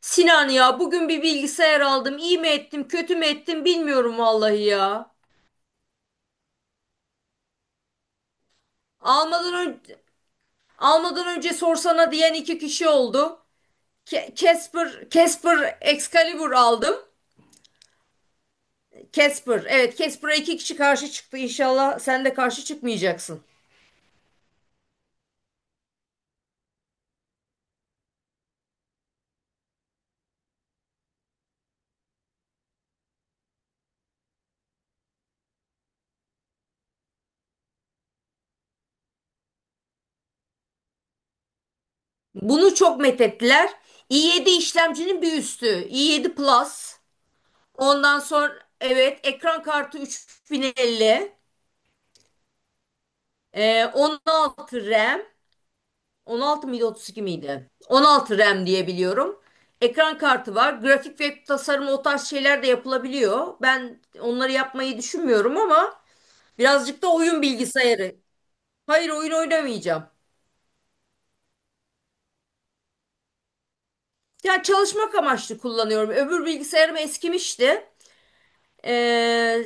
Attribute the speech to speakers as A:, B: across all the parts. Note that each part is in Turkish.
A: Sinan, ya bugün bir bilgisayar aldım. İyi mi ettim, kötü mü ettim bilmiyorum vallahi ya. Almadan önce sorsana diyen iki kişi oldu. Casper Excalibur aldım. Casper, evet, Casper'a iki kişi karşı çıktı. İnşallah sen de karşı çıkmayacaksın. Bunu çok methettiler. i7 işlemcinin bir üstü, i7 Plus. Ondan sonra, evet, ekran kartı 3050. 16 RAM. 16 mıydı, 32 miydi? 16 RAM diye biliyorum. Ekran kartı var. Grafik ve tasarım, o tarz şeyler de yapılabiliyor. Ben onları yapmayı düşünmüyorum ama birazcık da oyun bilgisayarı. Hayır, oyun oynamayacağım. Yani çalışmak amaçlı kullanıyorum. Öbür bilgisayarım eskimişti. Ee,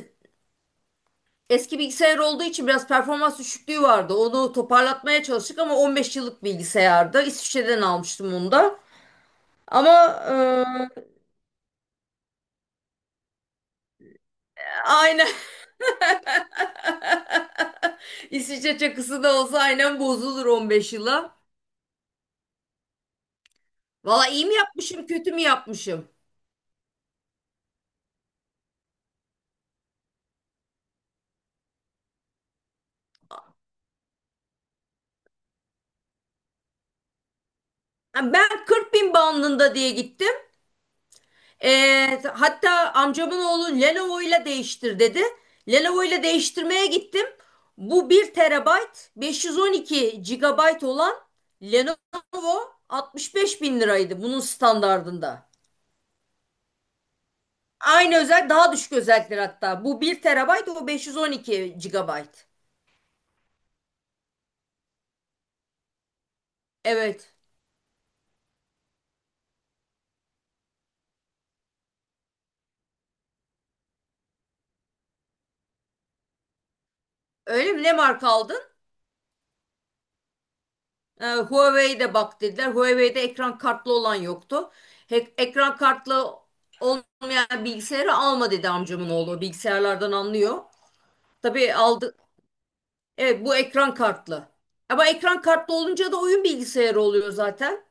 A: eski bilgisayar olduğu için biraz performans düşüklüğü vardı. Onu toparlatmaya çalıştık ama 15 yıllık bilgisayardı. İsviçre'den almıştım onu da. Ama e, aynen İsviçre çakısı da olsa aynen bozulur 15 yıla. Valla iyi mi yapmışım, kötü mü yapmışım? Yani ben 40 bin bandında diye gittim. Hatta amcamın oğlu Lenovo ile değiştir dedi. Lenovo ile değiştirmeye gittim. Bu bir terabayt, 512 gigabayt olan Lenovo 65 bin liraydı bunun standardında. Aynı özel, daha düşük özellikler hatta. Bu bir terabayt, o 512 gigabayt. Evet. Öyle mi? Ne marka aldın? Huawei'de bak dediler. Huawei'de ekran kartlı olan yoktu. Ekran kartlı olmayan bilgisayarı alma dedi amcamın oğlu. Bilgisayarlardan anlıyor. Tabii aldı. Evet, bu ekran kartlı. Ama ekran kartlı olunca da oyun bilgisayarı oluyor zaten.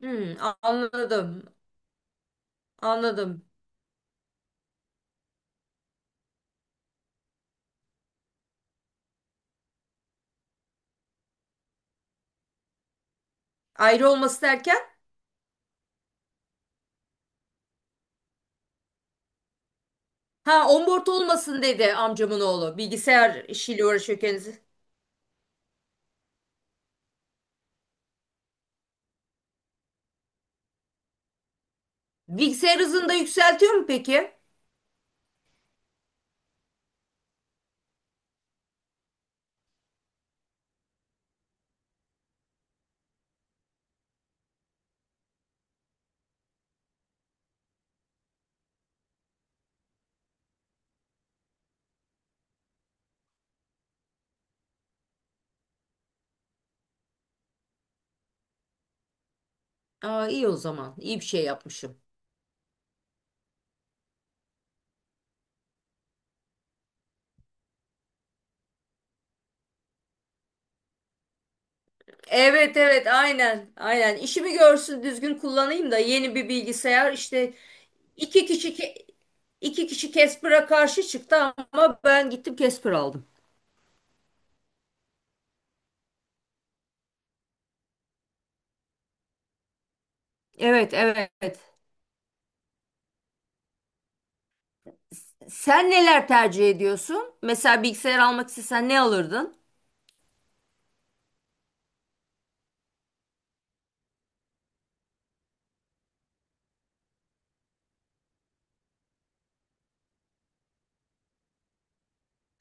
A: Hmm, anladım. Anladım. Ayrı olması derken? Ha, onboard olmasın dedi amcamın oğlu. Bilgisayar işiyle uğraşıyor kendisi. Bilgisayar hızını da yükseltiyor mu peki? Aa, iyi o zaman. İyi bir şey yapmışım. Evet, evet, aynen aynen, işimi görsün, düzgün kullanayım da, yeni bir bilgisayar işte. iki kişi ke- iki kişi Casper'a karşı çıktı ama ben gittim Casper aldım. Evet, evet. Sen neler tercih ediyorsun? Mesela bilgisayar almak istesen ne alırdın?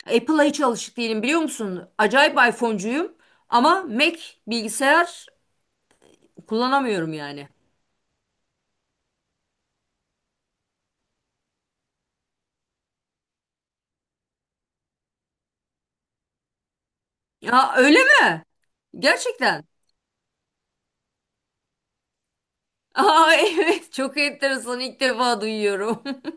A: Apple'a hiç alışık değilim, biliyor musun? Acayip iPhone'cuyum ama Mac bilgisayar kullanamıyorum yani. Ya, öyle mi? Gerçekten. Aa, evet, çok enteresan, ilk defa duyuyorum.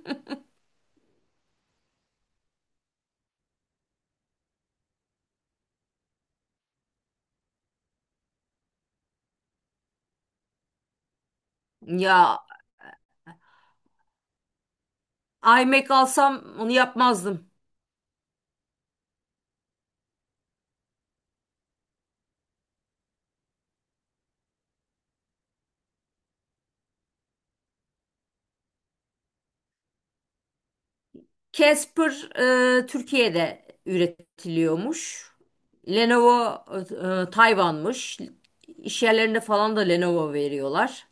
A: Ya iMac alsam onu yapmazdım. Casper Türkiye'de üretiliyormuş. Lenovo Tayvan'mış. İş yerlerinde falan da Lenovo veriyorlar.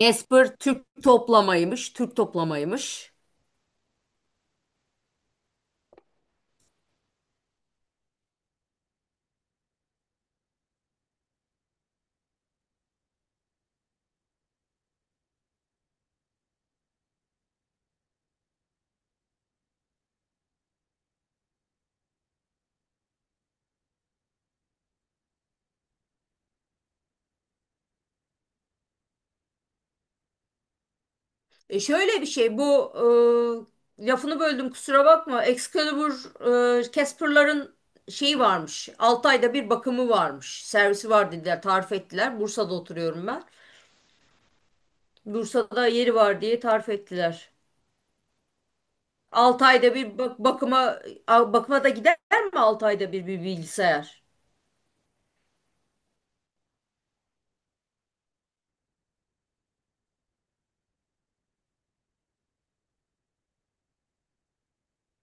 A: Casper Türk toplamaymış, Türk toplamaymış. Şöyle bir şey, bu lafını böldüm, kusura bakma. Excalibur Casper'ların şeyi varmış. 6 ayda bir bakımı varmış. Servisi var dediler, tarif ettiler. Bursa'da oturuyorum ben. Bursa'da yeri var diye tarif ettiler. 6 ayda bir bakıma, bakıma da gider mi 6 ayda bir bilgisayar?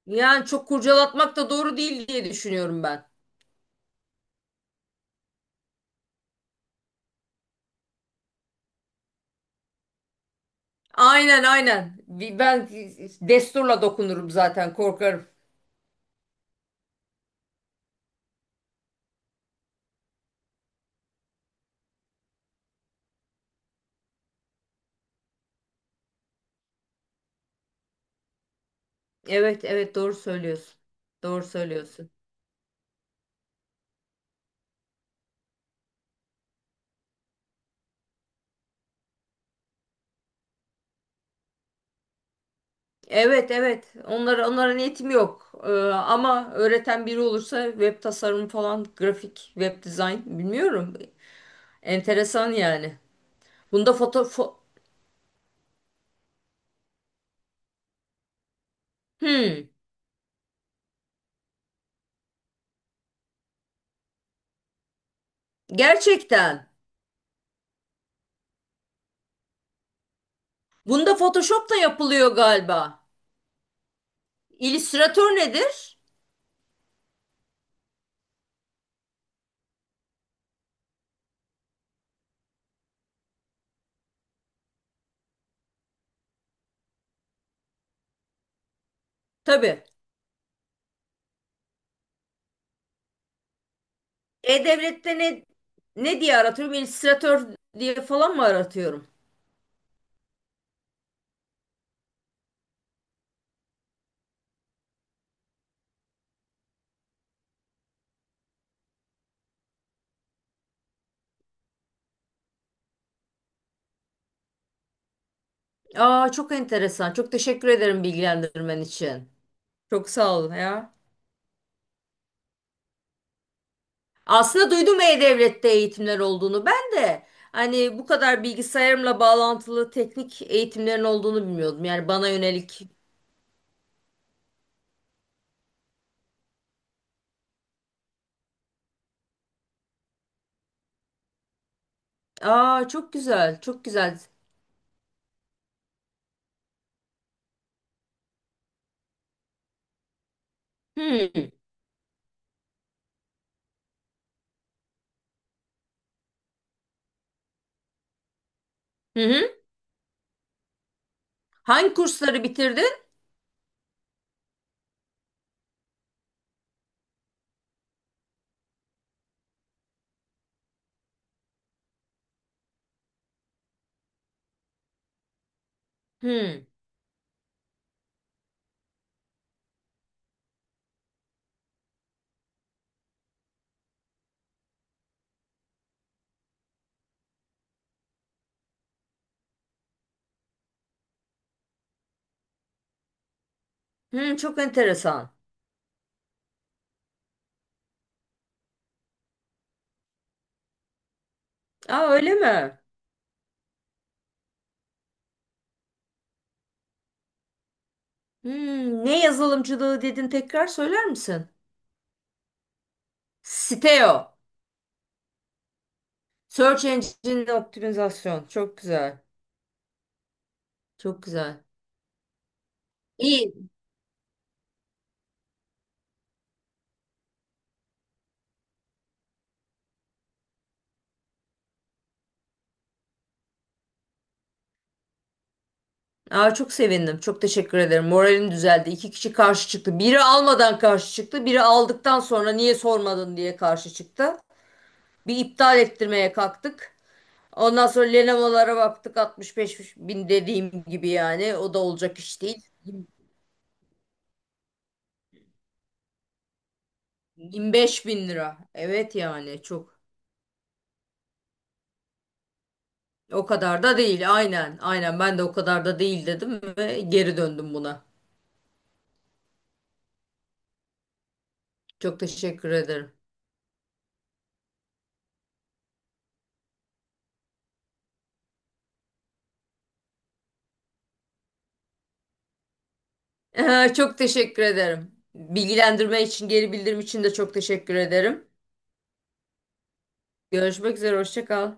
A: Yani çok kurcalatmak da doğru değil diye düşünüyorum ben. Aynen, aynen. Ben desturla dokunurum, zaten korkarım. Evet, evet, doğru söylüyorsun. Doğru söylüyorsun. Evet, evet. Onlara, niyetim yok. Ama öğreten biri olursa web tasarımı falan, grafik, web dizayn bilmiyorum. Enteresan yani. Bunda Hmm, gerçekten. Bunda Photoshop da yapılıyor galiba. İllüstratör nedir? Tabii. E-Devlet'te ne diye aratıyorum? İllüstratör diye falan mı aratıyorum? Aa, çok enteresan. Çok teşekkür ederim bilgilendirmen için. Çok sağ ol ya. Aslında duydum E-Devlet'te eğitimler olduğunu. Ben de hani bu kadar bilgisayarımla bağlantılı teknik eğitimlerin olduğunu bilmiyordum. Yani bana yönelik. Aa, çok güzel. Çok güzel. Hmm. Hı hı. Hangi kursları bitirdin? Hmm. Hmm, çok enteresan. Aa, öyle mi? Hmm, ne yazılımcılığı dedin, tekrar söyler misin? Siteo. Search Engine Optimizasyon. Çok güzel. Çok güzel. İyi. Aa, çok sevindim. Çok teşekkür ederim. Moralim düzeldi. İki kişi karşı çıktı. Biri almadan karşı çıktı. Biri aldıktan sonra niye sormadın diye karşı çıktı. Bir iptal ettirmeye kalktık. Ondan sonra Lenovo'lara baktık, 65 bin, dediğim gibi yani. O da olacak iş değil. 25 bin lira. Evet yani, çok. O kadar da değil. Aynen. Aynen, ben de o kadar da değil dedim ve geri döndüm buna. Çok teşekkür ederim. Çok teşekkür ederim bilgilendirme için, geri bildirim için de çok teşekkür ederim. Görüşmek üzere. Hoşça kal.